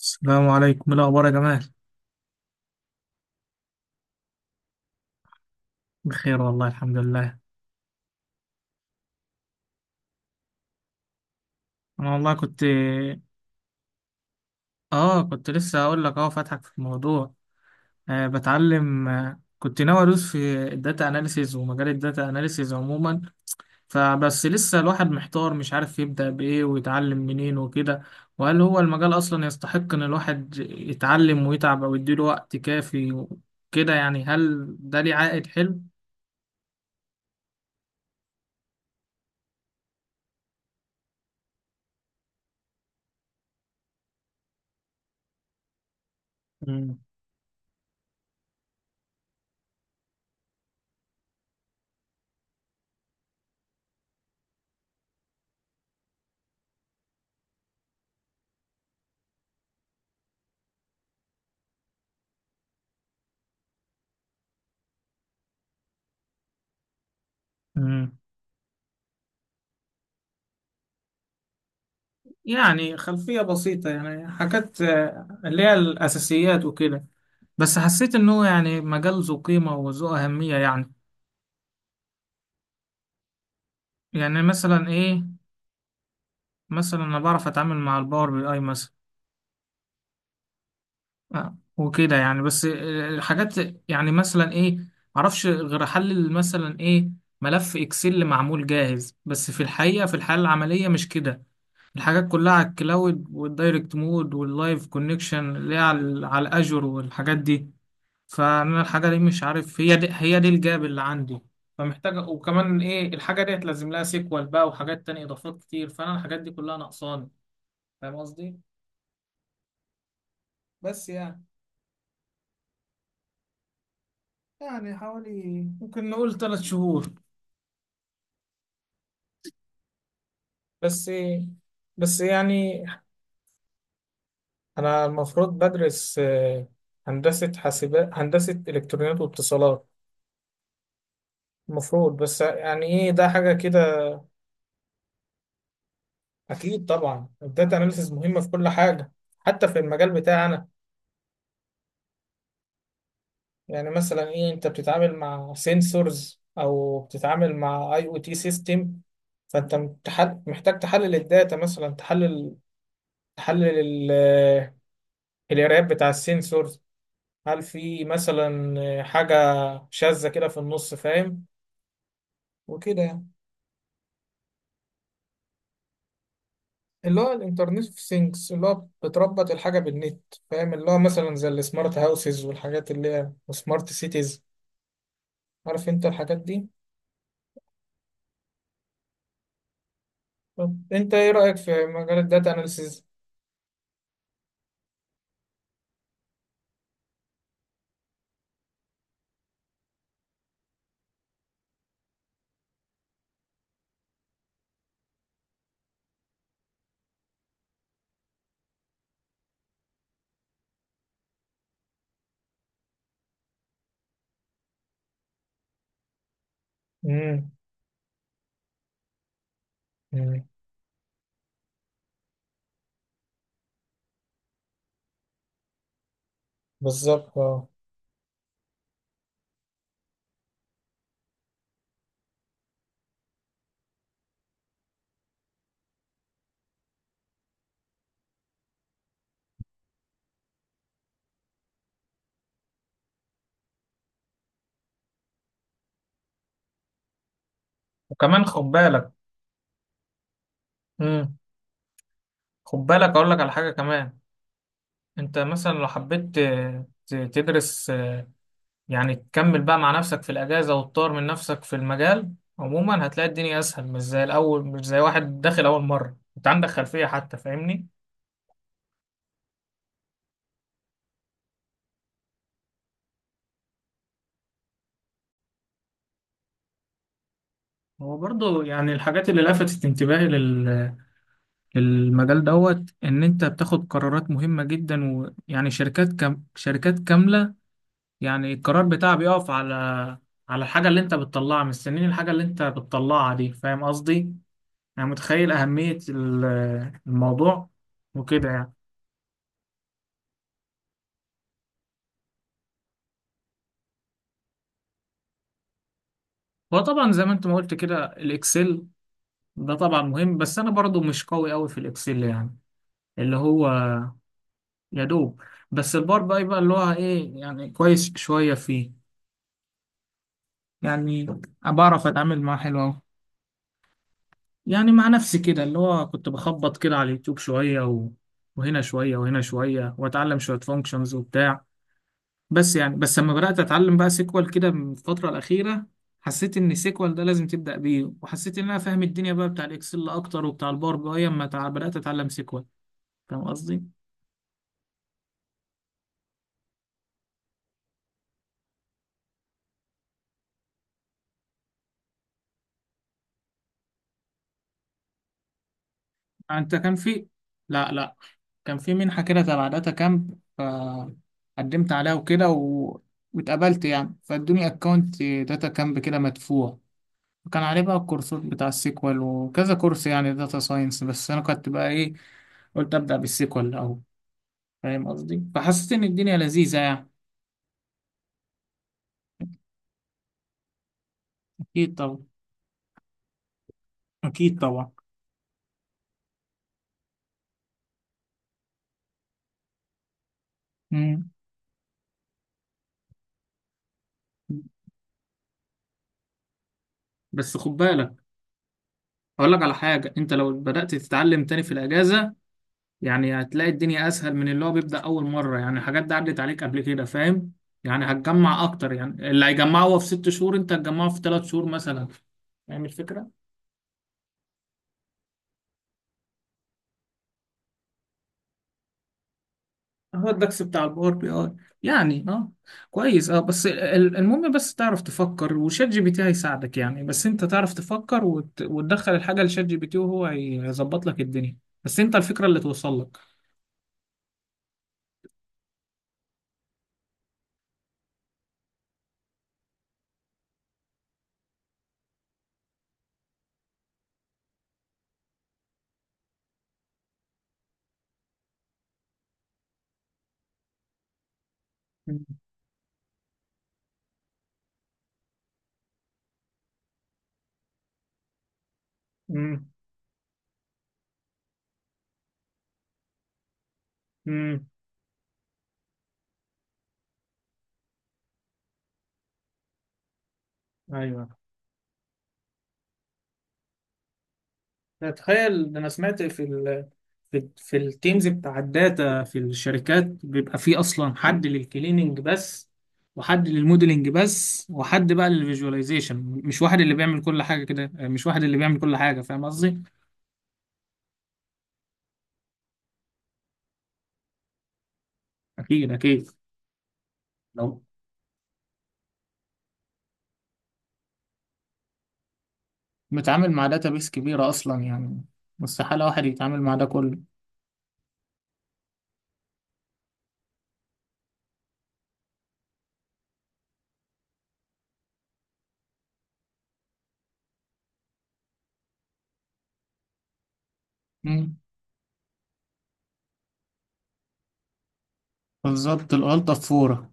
السلام عليكم، إيه الاخبار يا جمال؟ بخير والله الحمد لله. انا والله كنت لسه هقول لك، فاتحك في الموضوع. آه، بتعلم. كنت ناوي ادوس في الداتا اناليسيز، ومجال الداتا اناليسيز عموما. فبس لسه الواحد محتار، مش عارف يبدأ بايه ويتعلم منين وكده. وهل هو المجال اصلا يستحق ان الواحد يتعلم ويتعب او يديله وقت كافي وكده؟ يعني هل ده ليه عائد حلو؟ مم. مم. يعني خلفية بسيطة، يعني حاجات اللي هي الأساسيات وكده. بس حسيت إن هو يعني مجال ذو قيمة وذو أهمية يعني. يعني مثلا إيه؟ مثلا أنا بعرف أتعامل مع الباور بي أي مثلا. وكده يعني، بس الحاجات. يعني مثلا إيه؟ معرفش غير أحلل مثلا إيه؟ ملف إكسل معمول جاهز، بس في الحقيقة في الحالة العملية مش كده. الحاجات كلها على الكلاود والدايركت مود واللايف كونكشن، اللي هي على الأجر والحاجات دي. فانا الحاجه دي مش عارف، هي دي الجاب اللي عندي. فمحتاجه، وكمان ايه، الحاجه دي هتلازم لها سيكوال بقى وحاجات تانية اضافات كتير، فانا الحاجات دي كلها ناقصاني. فاهم قصدي؟ بس يعني. يعني حوالي، ممكن نقول 3 شهور. بس. بس يعني. انا المفروض بدرس هندسه حاسبات، هندسه الكترونيات واتصالات، المفروض، بس يعني ايه ده حاجه كده. اكيد طبعا، الداتا اناليسيز مهمه في كل حاجه. حتى في المجال بتاعي أنا. يعني مثلا ايه، انت بتتعامل مع سنسورز او بتتعامل مع IoT سيستم. فانت محتاج تحلل الداتا، مثلا تحلل ال- القرايات بتاع السنسورز. هل في مثلا حاجة شاذة كده في النص؟ فاهم؟ وكده يعني. اللي هو الانترنت اوف ثينجز، اللي هو بتربط الحاجة بالنت. فاهم؟ اللي هو مثلا زي السمارت هاوسز والحاجات اللي هي سمارت سيتيز. عارف انت الحاجات دي؟ طب انت ايه رأيك في مجال الداتا اناليسيز؟ بالظبط اه. وكمان خد بالك. امم خد بالك اقول لك على حاجه كمان. انت مثلا لو حبيت تدرس يعني تكمل بقى مع نفسك في الاجازه وتطور من نفسك في المجال. عموما هتلاقي الدنيا اسهل، مش زي الاول، مش زي واحد داخل اول مره، انت عندك خلفيه حتى. فاهمني؟ هو برضو يعني الحاجات اللي لفتت انتباهي للمجال، دوت ان انت بتاخد قرارات مهمه جدا. ويعني شركات شركات كامله، يعني القرار بتاعها بيقف على الحاجة اللي انت بتطلعها، مستنين الحاجة اللي انت بتطلعها دي، فاهم قصدي؟ يعني متخيل أهمية الموضوع. وكده يعني. هو طبعا زي ما انت ما قلت كده الإكسل، ده طبعا مهم، بس أنا برضو مش قوي قوي في الإكسل يعني. اللي هو، يا دوب، بس البار بقى يبقى اللي هو ايه، يعني كويس شوية فيه. يعني، بعرف أتعامل معاه حلو أوي. يعني مع نفسي كده اللي هو كنت بخبط كده على اليوتيوب شوية وهنا شوية وهنا شوية، واتعلم شوية فانكشنز وبتاع. بس يعني، بس لما بدأت اتعلم بقى سيكوال كده من الفترة الأخيرة، حسيت ان سيكوال ده لازم تبدأ بيه، وحسيت ان انا فاهم الدنيا بقى بتاع الاكسل اكتر وبتاع الباور بي اي اما بدأت اتعلم سيكوال. فاهم قصدي؟ انت كان في، لا لا، كان في منحة كده تبع داتا كامب، فقدمت عليها وكده واتقبلت يعني، فادوني اكونت داتا كامب كده مدفوع. كان عليه بقى الكورسات بتاع السيكوال وكذا كورس يعني داتا ساينس، بس انا كنت بقى ايه، قلت ابدا بالسيكوال الاول. فاهم قصدي؟ فحسيت ان الدنيا لذيذه يعني. اكيد طبعا. اكيد طبعا. مم. بس خد بالك اقول لك على حاجه، انت لو بدات تتعلم تاني في الاجازه، يعني هتلاقي الدنيا اسهل من اللي هو بيبدا اول مره، يعني الحاجات دي عدت عليك قبل كده، فاهم؟ يعني هتجمع اكتر، يعني اللي هيجمعه هو في 6 شهور، انت هتجمعه في 3 شهور مثلا. فاهم الفكره؟ هو الدكس بتاع الباور بي اي، يعني اه، كويس اه، بس المهم بس تعرف تفكر، وشات جي بي تي هيساعدك يعني، بس انت تعرف تفكر وتدخل الحاجة لشات جي بي تي وهو هيظبط لك الدنيا. بس انت الفكرة اللي توصل لك. امم. امم. ايوه. تخيل ده انا سمعت في التيمز بتاع الداتا في الشركات بيبقى فيه اصلا حد للكليننج بس، وحد للموديلنج بس، وحد بقى للفيجواليزيشن، مش واحد اللي بيعمل كل حاجه كده، مش واحد اللي بيعمل كل حاجه، فاهم قصدي؟ اكيد اكيد. لو متعامل مع داتابيس كبيره اصلا يعني، مستحيل واحد يتعامل مع ده كله. مم. بالظبط، الغلطه في فوره.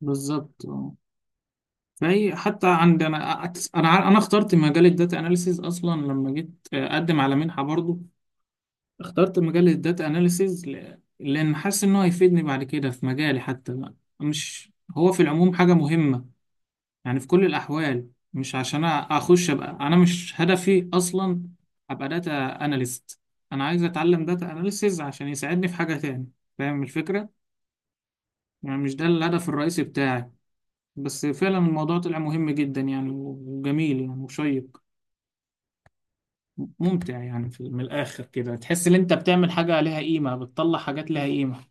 بالظبط، فهي حتى عند انا، انا اخترت مجال الداتا اناليسيز اصلا لما جيت اقدم على منحه برضو. اخترت مجال الداتا اناليسيز، لان حاسس ان هو هيفيدني بعد كده في مجالي حتى بقى. مش. هو في العموم حاجه مهمه، يعني في كل الاحوال، مش عشان اخش ابقى، انا مش هدفي اصلا ابقى داتا اناليست. انا عايز اتعلم داتا اناليسيز عشان يساعدني في حاجه تاني. فاهم الفكره؟ يعني مش ده الهدف الرئيسي بتاعي. بس فعلا الموضوع طلع مهم جدا يعني، وجميل يعني، وشيق، ممتع يعني، في من الآخر كده تحس إن أنت بتعمل حاجة لها قيمة، بتطلع حاجات لها قيمة.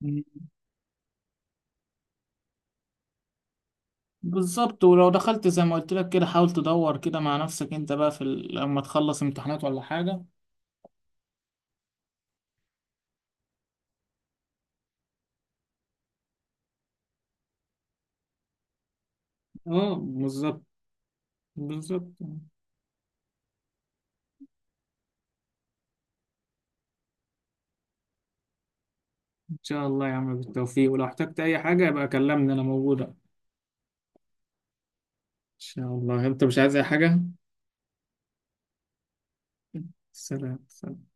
مم. بالظبط، ولو دخلت زي ما قلت لك كده، حاول تدور كده مع نفسك أنت بقى لما تخلص امتحانات ولا حاجة. أه، بالظبط. بالظبط. إن شاء الله يا عم، بالتوفيق، ولو احتجت أي حاجة يبقى كلمني، أنا موجودة إن شاء الله. أنت مش عايز أي حاجة؟ سلام، سلام.